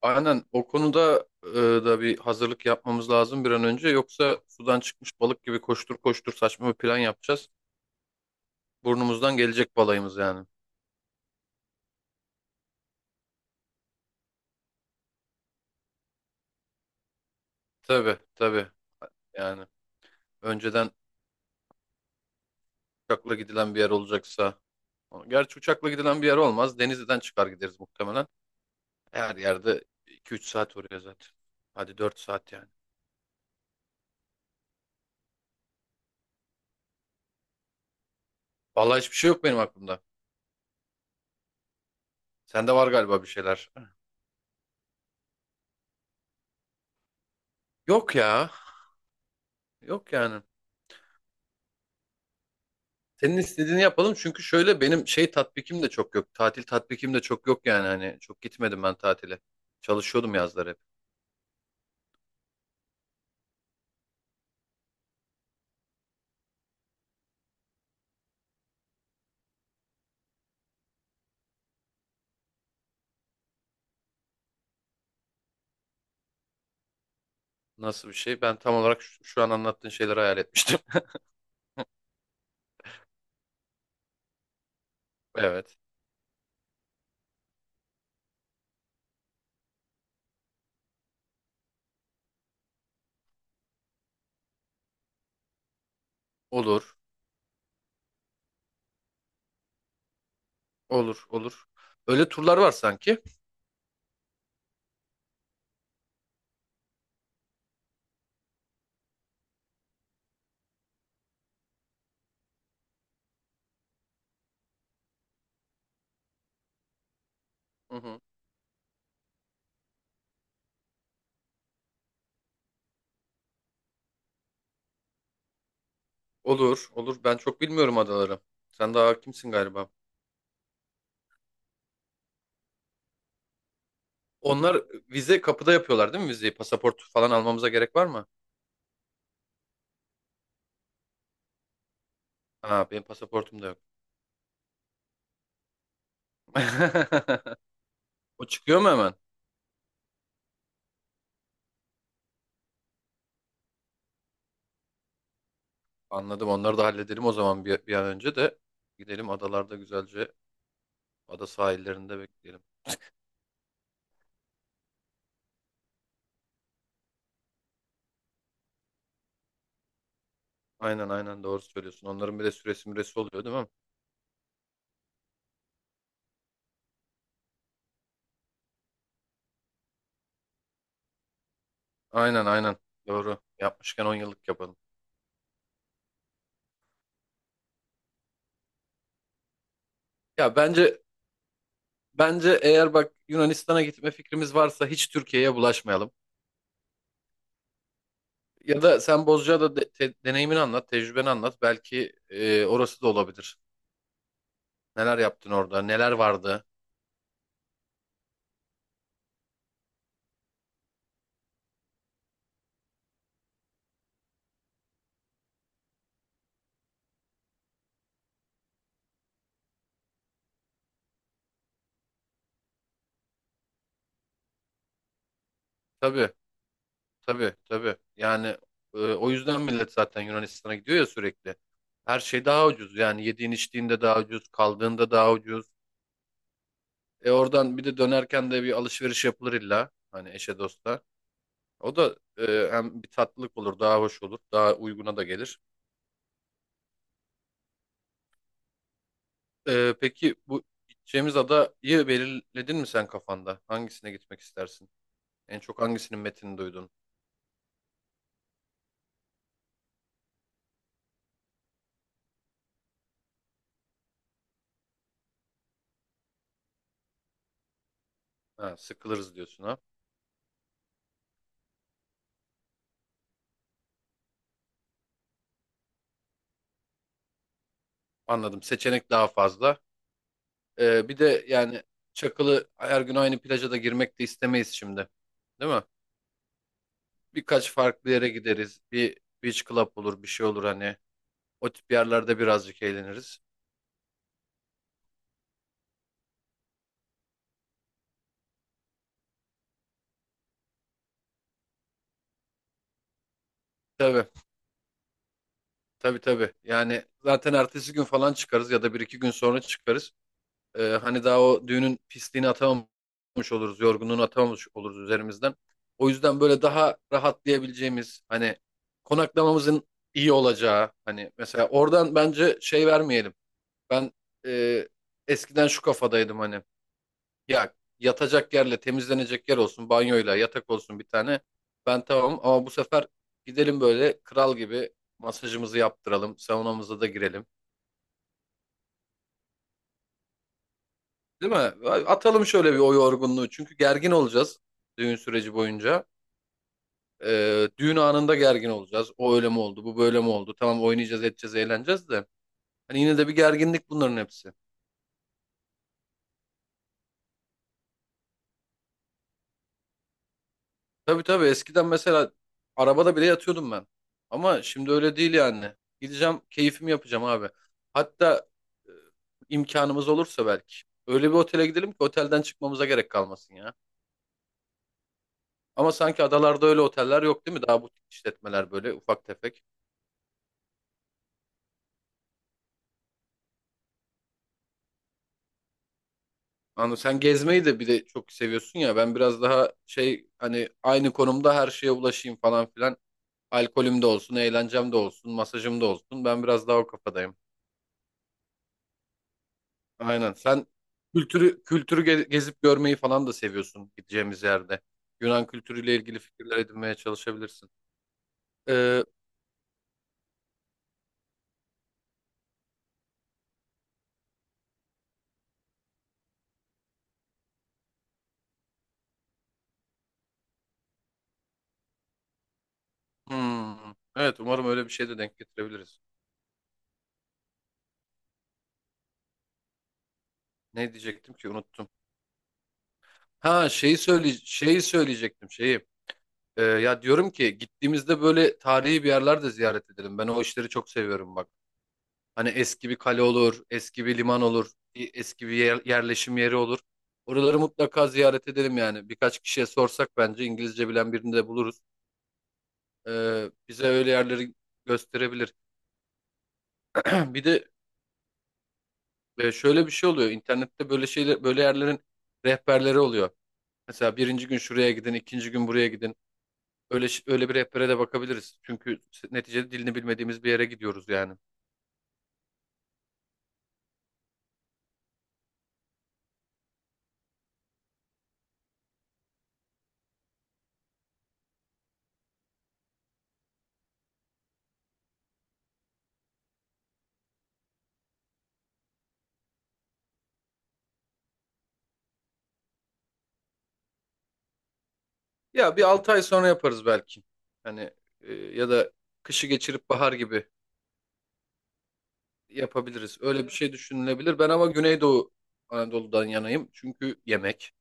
Aynen o konuda da bir hazırlık yapmamız lazım bir an önce. Yoksa sudan çıkmış balık gibi koştur koştur saçma bir plan yapacağız. Burnumuzdan gelecek balayımız yani. Tabii tabii yani önceden uçakla gidilen bir yer olacaksa. Gerçi uçakla gidilen bir yer olmaz. Denizli'den çıkar gideriz muhtemelen. Her yerde 2-3 saat oraya zaten. Hadi 4 saat yani. Vallahi hiçbir şey yok benim aklımda. Sende var galiba bir şeyler. Yok ya. Yok yani. Senin istediğini yapalım çünkü şöyle benim şey tatbikim de çok yok. Tatil tatbikim de çok yok yani hani çok gitmedim ben tatile. Çalışıyordum yazları hep. Nasıl bir şey? Ben tam olarak şu an anlattığın şeyleri hayal etmiştim. Evet. Olur. Olur. Olur. Öyle turlar var sanki. Hı hı. Olur. Olur. Ben çok bilmiyorum adaları. Sen daha hakimsin galiba. Onlar vize kapıda yapıyorlar değil mi vizeyi? Pasaport falan almamıza gerek var mı? Ha benim pasaportum da yok. O çıkıyor mu hemen? Anladım. Onları da halledelim o zaman bir an önce de gidelim adalarda güzelce ada sahillerinde bekleyelim. Aynen aynen doğru söylüyorsun. Onların bir de süresi müresi oluyor değil mi? Aynen aynen doğru. Yapmışken 10 yıllık yapalım. Ya bence eğer bak Yunanistan'a gitme fikrimiz varsa hiç Türkiye'ye bulaşmayalım. Ya da sen Bozcaada deneyimini anlat, tecrübeni anlat. Belki orası da olabilir. Neler yaptın orada, neler vardı? Tabii tabii tabii. Yani o yüzden millet zaten Yunanistan'a gidiyor ya sürekli. Her şey daha ucuz. Yani yediğin içtiğinde daha ucuz, kaldığında daha ucuz. E oradan bir de dönerken de bir alışveriş yapılır illa. Hani eşe dosta. O da hem bir tatlılık olur, daha hoş olur, daha uyguna da gelir. E, peki bu gideceğimiz adayı belirledin mi sen kafanda? Hangisine gitmek istersin? En çok hangisinin metnini duydun? Ha, sıkılırız diyorsun ha. Anladım. Seçenek daha fazla. Bir de yani Çakılı her gün aynı plaja da girmek de istemeyiz şimdi. Değil mi? Birkaç farklı yere gideriz. Bir beach club olur, bir şey olur hani. O tip yerlerde birazcık eğleniriz. Tabii, tabii tabii. Yani zaten ertesi gün falan çıkarız ya da bir iki gün sonra çıkarız. Hani daha o düğünün pisliğini atamamış oluruz, yorgunluğunu atamamış oluruz üzerimizden. O yüzden böyle daha rahatlayabileceğimiz, hani konaklamamızın iyi olacağı, hani mesela oradan bence şey vermeyelim. Ben e, eskiden şu kafadaydım hani ya yatacak yerle temizlenecek yer olsun banyoyla yatak olsun bir tane ben tamam ama bu sefer gidelim böyle kral gibi masajımızı yaptıralım saunamıza da girelim değil mi? Atalım şöyle bir o yorgunluğu çünkü gergin olacağız düğün süreci boyunca. E, düğün anında gergin olacağız o öyle mi oldu bu böyle mi oldu tamam oynayacağız edeceğiz eğleneceğiz de hani yine de bir gerginlik bunların hepsi. Tabii tabii eskiden mesela arabada bile yatıyordum ben. Ama şimdi öyle değil yani. Gideceğim keyfimi yapacağım abi. Hatta e, imkanımız olursa belki. Öyle bir otele gidelim ki otelden çıkmamıza gerek kalmasın ya. Ama sanki adalarda öyle oteller yok değil mi? Daha butik işletmeler böyle ufak tefek. Anladım. Sen gezmeyi de bir de çok seviyorsun ya. Ben biraz daha şey hani aynı konumda her şeye ulaşayım falan filan. Alkolüm de olsun, eğlencem de olsun, masajım da olsun. Ben biraz daha o kafadayım. Aynen. Sen kültürü kültürü gezip görmeyi falan da seviyorsun gideceğimiz yerde. Yunan kültürüyle ilgili fikirler edinmeye çalışabilirsin. Ee, hmm, evet umarım öyle bir şey de denk getirebiliriz. Ne diyecektim ki unuttum. Ha şeyi söyle şeyi söyleyecektim şeyi. Ya diyorum ki gittiğimizde böyle tarihi bir yerler de ziyaret edelim. Ben o işleri çok seviyorum bak. Hani eski bir kale olur, eski bir liman olur, bir eski bir yerleşim yeri olur. Oraları mutlaka ziyaret edelim yani. Birkaç kişiye sorsak bence İngilizce bilen birini de buluruz. Bize öyle yerleri gösterebilir. Bir de şöyle bir şey oluyor. İnternette böyle şeyler, böyle yerlerin rehberleri oluyor. Mesela birinci gün şuraya gidin, ikinci gün buraya gidin. Öyle bir rehbere de bakabiliriz. Çünkü neticede dilini bilmediğimiz bir yere gidiyoruz yani. Ya bir 6 ay sonra yaparız belki. Hani ya da kışı geçirip bahar gibi yapabiliriz. Öyle bir şey düşünülebilir. Ben ama Güneydoğu Anadolu'dan yanayım. Çünkü yemek,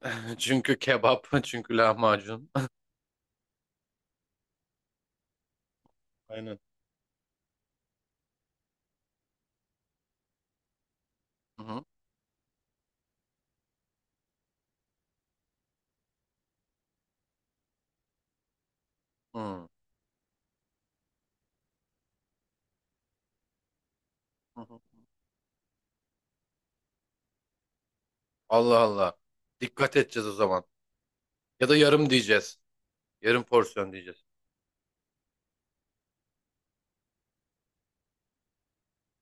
çünkü kebap, çünkü lahmacun. Aynen. Hı hı. Hı hı. Allah Allah. Dikkat edeceğiz o zaman. Ya da yarım diyeceğiz. Yarım porsiyon diyeceğiz.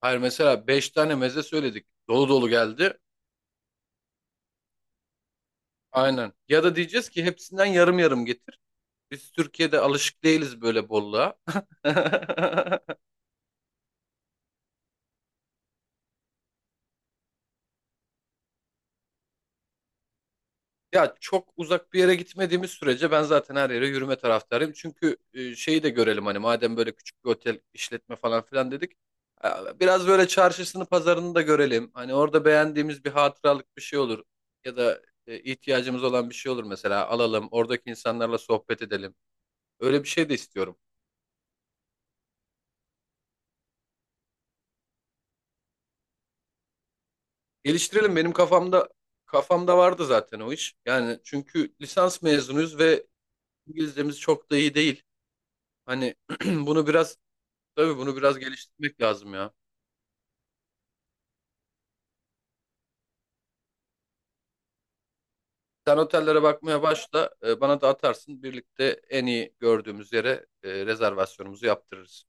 Hayır mesela 5 tane meze söyledik. Dolu dolu geldi. Aynen. Ya da diyeceğiz ki hepsinden yarım yarım getir. Biz Türkiye'de alışık değiliz böyle bolluğa. Ya çok uzak bir yere gitmediğimiz sürece ben zaten her yere yürüme taraftarıyım. Çünkü şeyi de görelim hani madem böyle küçük bir otel işletme falan filan dedik. Biraz böyle çarşısını pazarını da görelim. Hani orada beğendiğimiz bir hatıralık bir şey olur. Ya da ihtiyacımız olan bir şey olur mesela alalım. Oradaki insanlarla sohbet edelim. Öyle bir şey de istiyorum. Geliştirelim benim kafamda vardı zaten o iş. Yani çünkü lisans mezunuyuz ve İngilizcemiz çok da iyi değil. Hani bunu biraz Tabii bunu biraz geliştirmek lazım ya. Sen otellere bakmaya başla, bana da atarsın. Birlikte en iyi gördüğümüz yere rezervasyonumuzu yaptırırız.